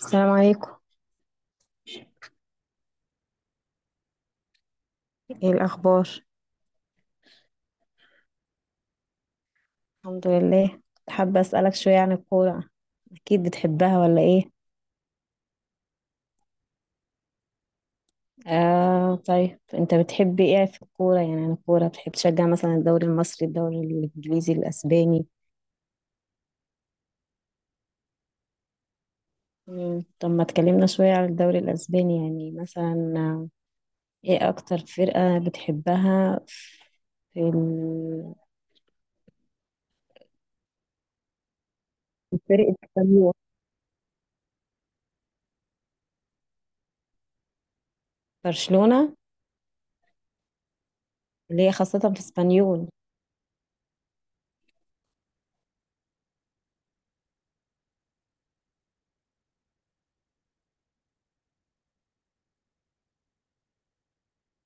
السلام عليكم، ايه الاخبار؟ الحمد لله. حابه اسالك شويه عن الكوره، اكيد بتحبها ولا ايه؟ آه طيب انت بتحب ايه في الكوره؟ يعني عن الكوره بتحب تشجع مثلا الدوري المصري، الدوري الانجليزي، الاسباني؟ طب ما تكلمنا شويه عن الدوري الاسباني. يعني مثلا ايه اكتر فرقه بتحبها؟ في ال- فرقة اسبانيول؟ برشلونه؟ اللي هي خاصه في اسبانيول.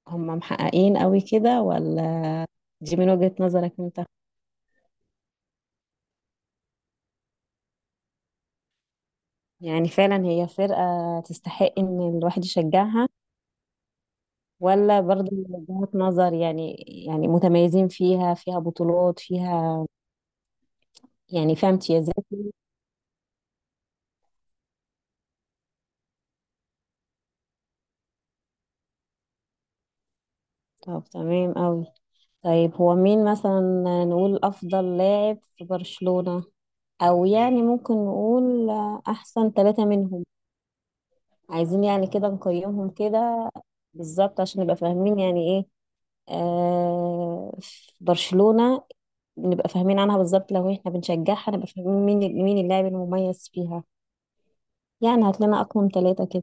هم محققين قوي كده ولا؟ دي من وجهة نظرك انت. يعني فعلا هي فرقة تستحق ان الواحد يشجعها، ولا برضه من وجهات نظر؟ يعني يعني متميزين، فيها فيها بطولات، فيها يعني فيها امتيازات. طب تمام قوي. طيب هو مين مثلا نقول افضل لاعب في برشلونة؟ او يعني ممكن نقول احسن ثلاثة منهم. عايزين يعني كده نقيمهم كده بالظبط عشان نبقى فاهمين يعني ايه في برشلونة، نبقى فاهمين عنها بالظبط. لو احنا بنشجعها نبقى فاهمين مين مين اللاعب المميز فيها. يعني هات لنا اقوم ثلاثة كده.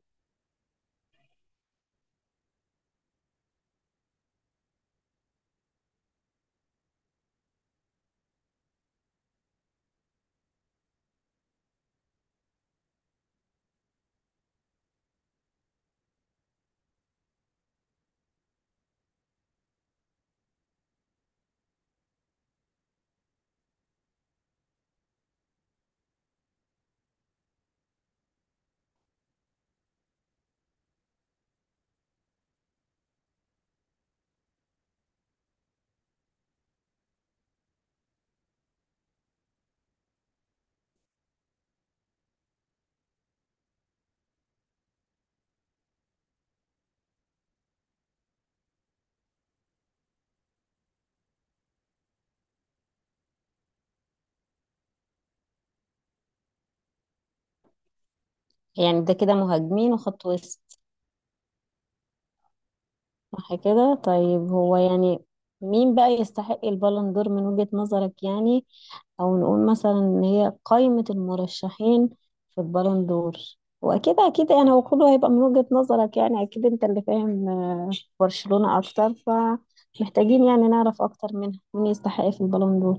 يعني ده كده مهاجمين وخط وسط، صح كده؟ طيب هو يعني مين بقى يستحق البالون دور من وجهة نظرك؟ يعني او نقول مثلا ان هي قائمة المرشحين في البالون دور. واكيد يعني هو كله هيبقى من وجهة نظرك، يعني اكيد انت اللي فاهم برشلونة اكتر، فمحتاجين يعني نعرف اكتر منها مين يستحق في البالون دور.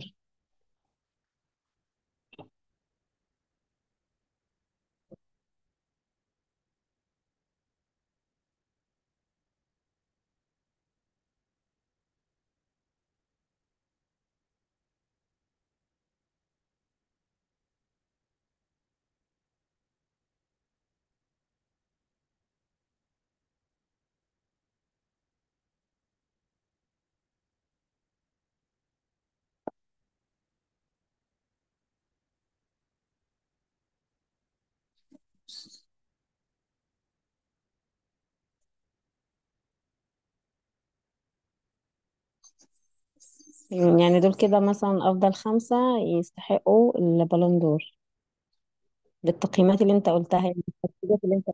يعني دول كده مثلا افضل خمسة يستحقوا البالون دور، بالتقييمات اللي انت قلتها؟ يعني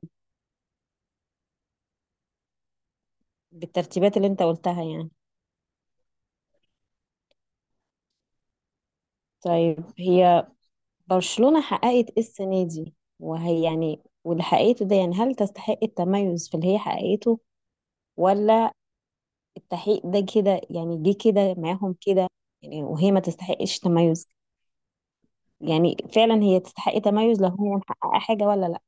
بالترتيبات اللي انت قلتها يعني. طيب هي برشلونة حققت ايه السنة دي؟ وهي يعني واللي حققته ده، يعني هل تستحق التميز في اللي هي حققته؟ ولا التحقيق ده كده يعني جه كده معاهم كده، يعني وهي ما تستحقش تميز؟ يعني فعلا هي تستحق تميز لو هي محققة حاجة ولا لا؟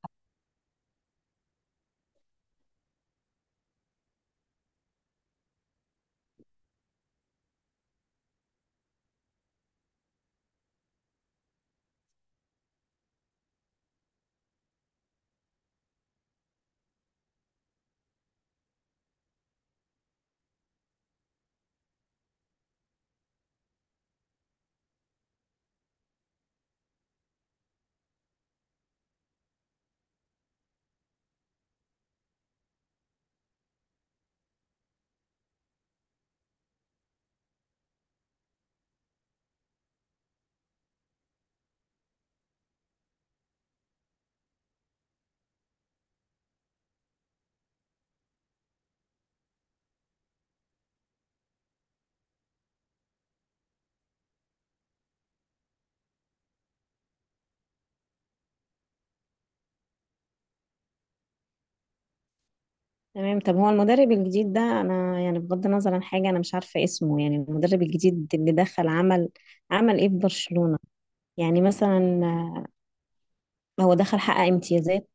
تمام. طب هو المدرب الجديد ده، انا يعني بغض النظر عن حاجه، انا مش عارفه اسمه. يعني المدرب الجديد اللي دخل عمل ايه في برشلونه؟ يعني مثلا هو دخل حقق امتيازات،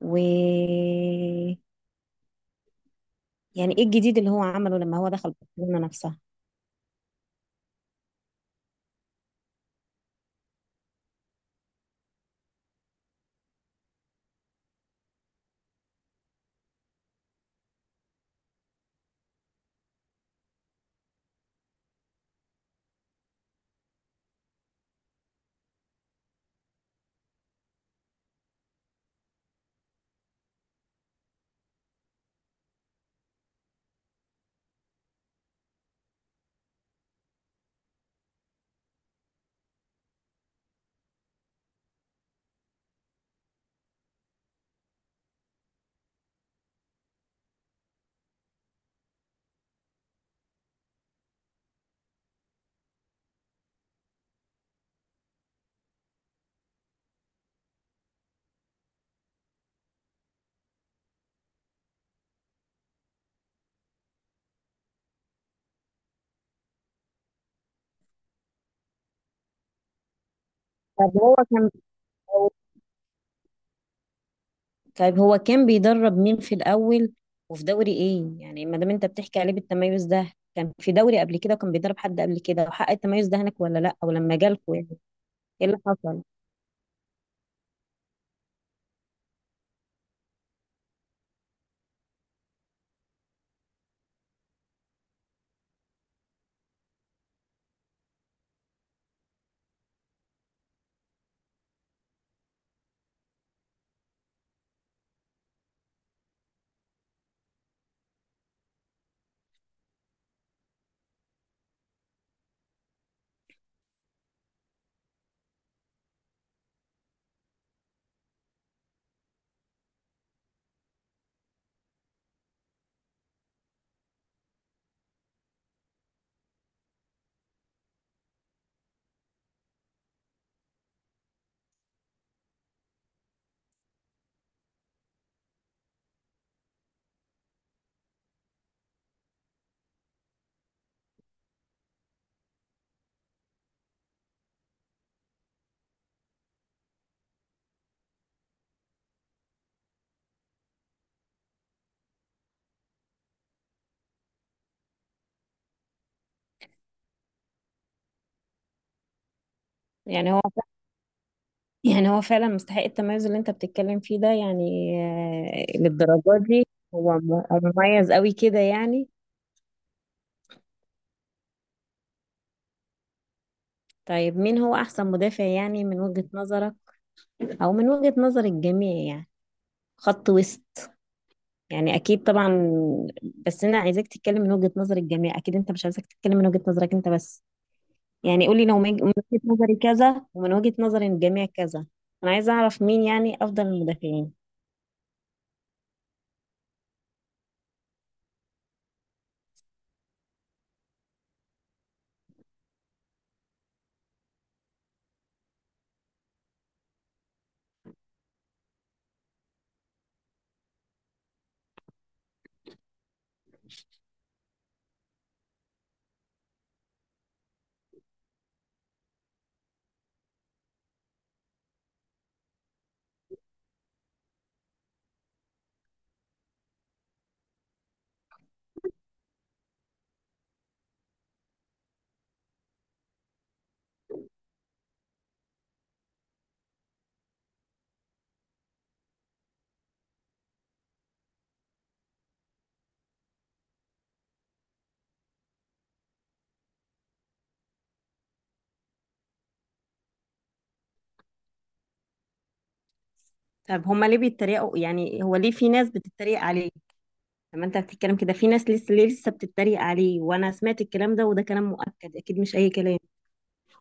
و يعني ايه الجديد اللي هو عمله لما هو دخل برشلونه نفسها؟ طب هو كان طيب هو كان بيدرب مين في الاول وفي دوري ايه؟ يعني ما دام انت بتحكي عليه بالتميز ده، كان في دوري قبل كده وكان بيدرب حد قبل كده وحقق التميز ده هناك ولا لا؟ او لما جالكوا يعني ايه اللي حصل؟ يعني هو يعني هو فعلا مستحق التميز اللي انت بتتكلم فيه ده يعني؟ للدرجة دي؟ هو مميز قوي كده يعني؟ طيب مين هو احسن مدافع يعني من وجهة نظرك؟ او من وجهة نظر الجميع يعني، خط وسط. يعني اكيد طبعا، بس انا عايزاك تتكلم من وجهة نظر الجميع، اكيد انت مش عايزك تتكلم من وجهة نظرك انت بس. يعني قولي لو من وجهة نظري كذا، ومن وجهة نظر الجميع كذا. انا عايزة اعرف مين يعني افضل المدافعين. طب هما ليه بيتريقوا؟ يعني هو ليه في ناس بتتريق عليه؟ لما انت بتتكلم كده، في ناس لسه بتتريق عليه، وانا سمعت الكلام ده، وده كلام مؤكد اكيد مش اي كلام.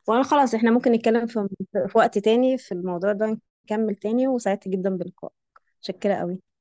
وانا خلاص، احنا ممكن نتكلم في وقت تاني في الموضوع ده، نكمل تاني. وسعدت جدا بلقائك، متشكرة قوي.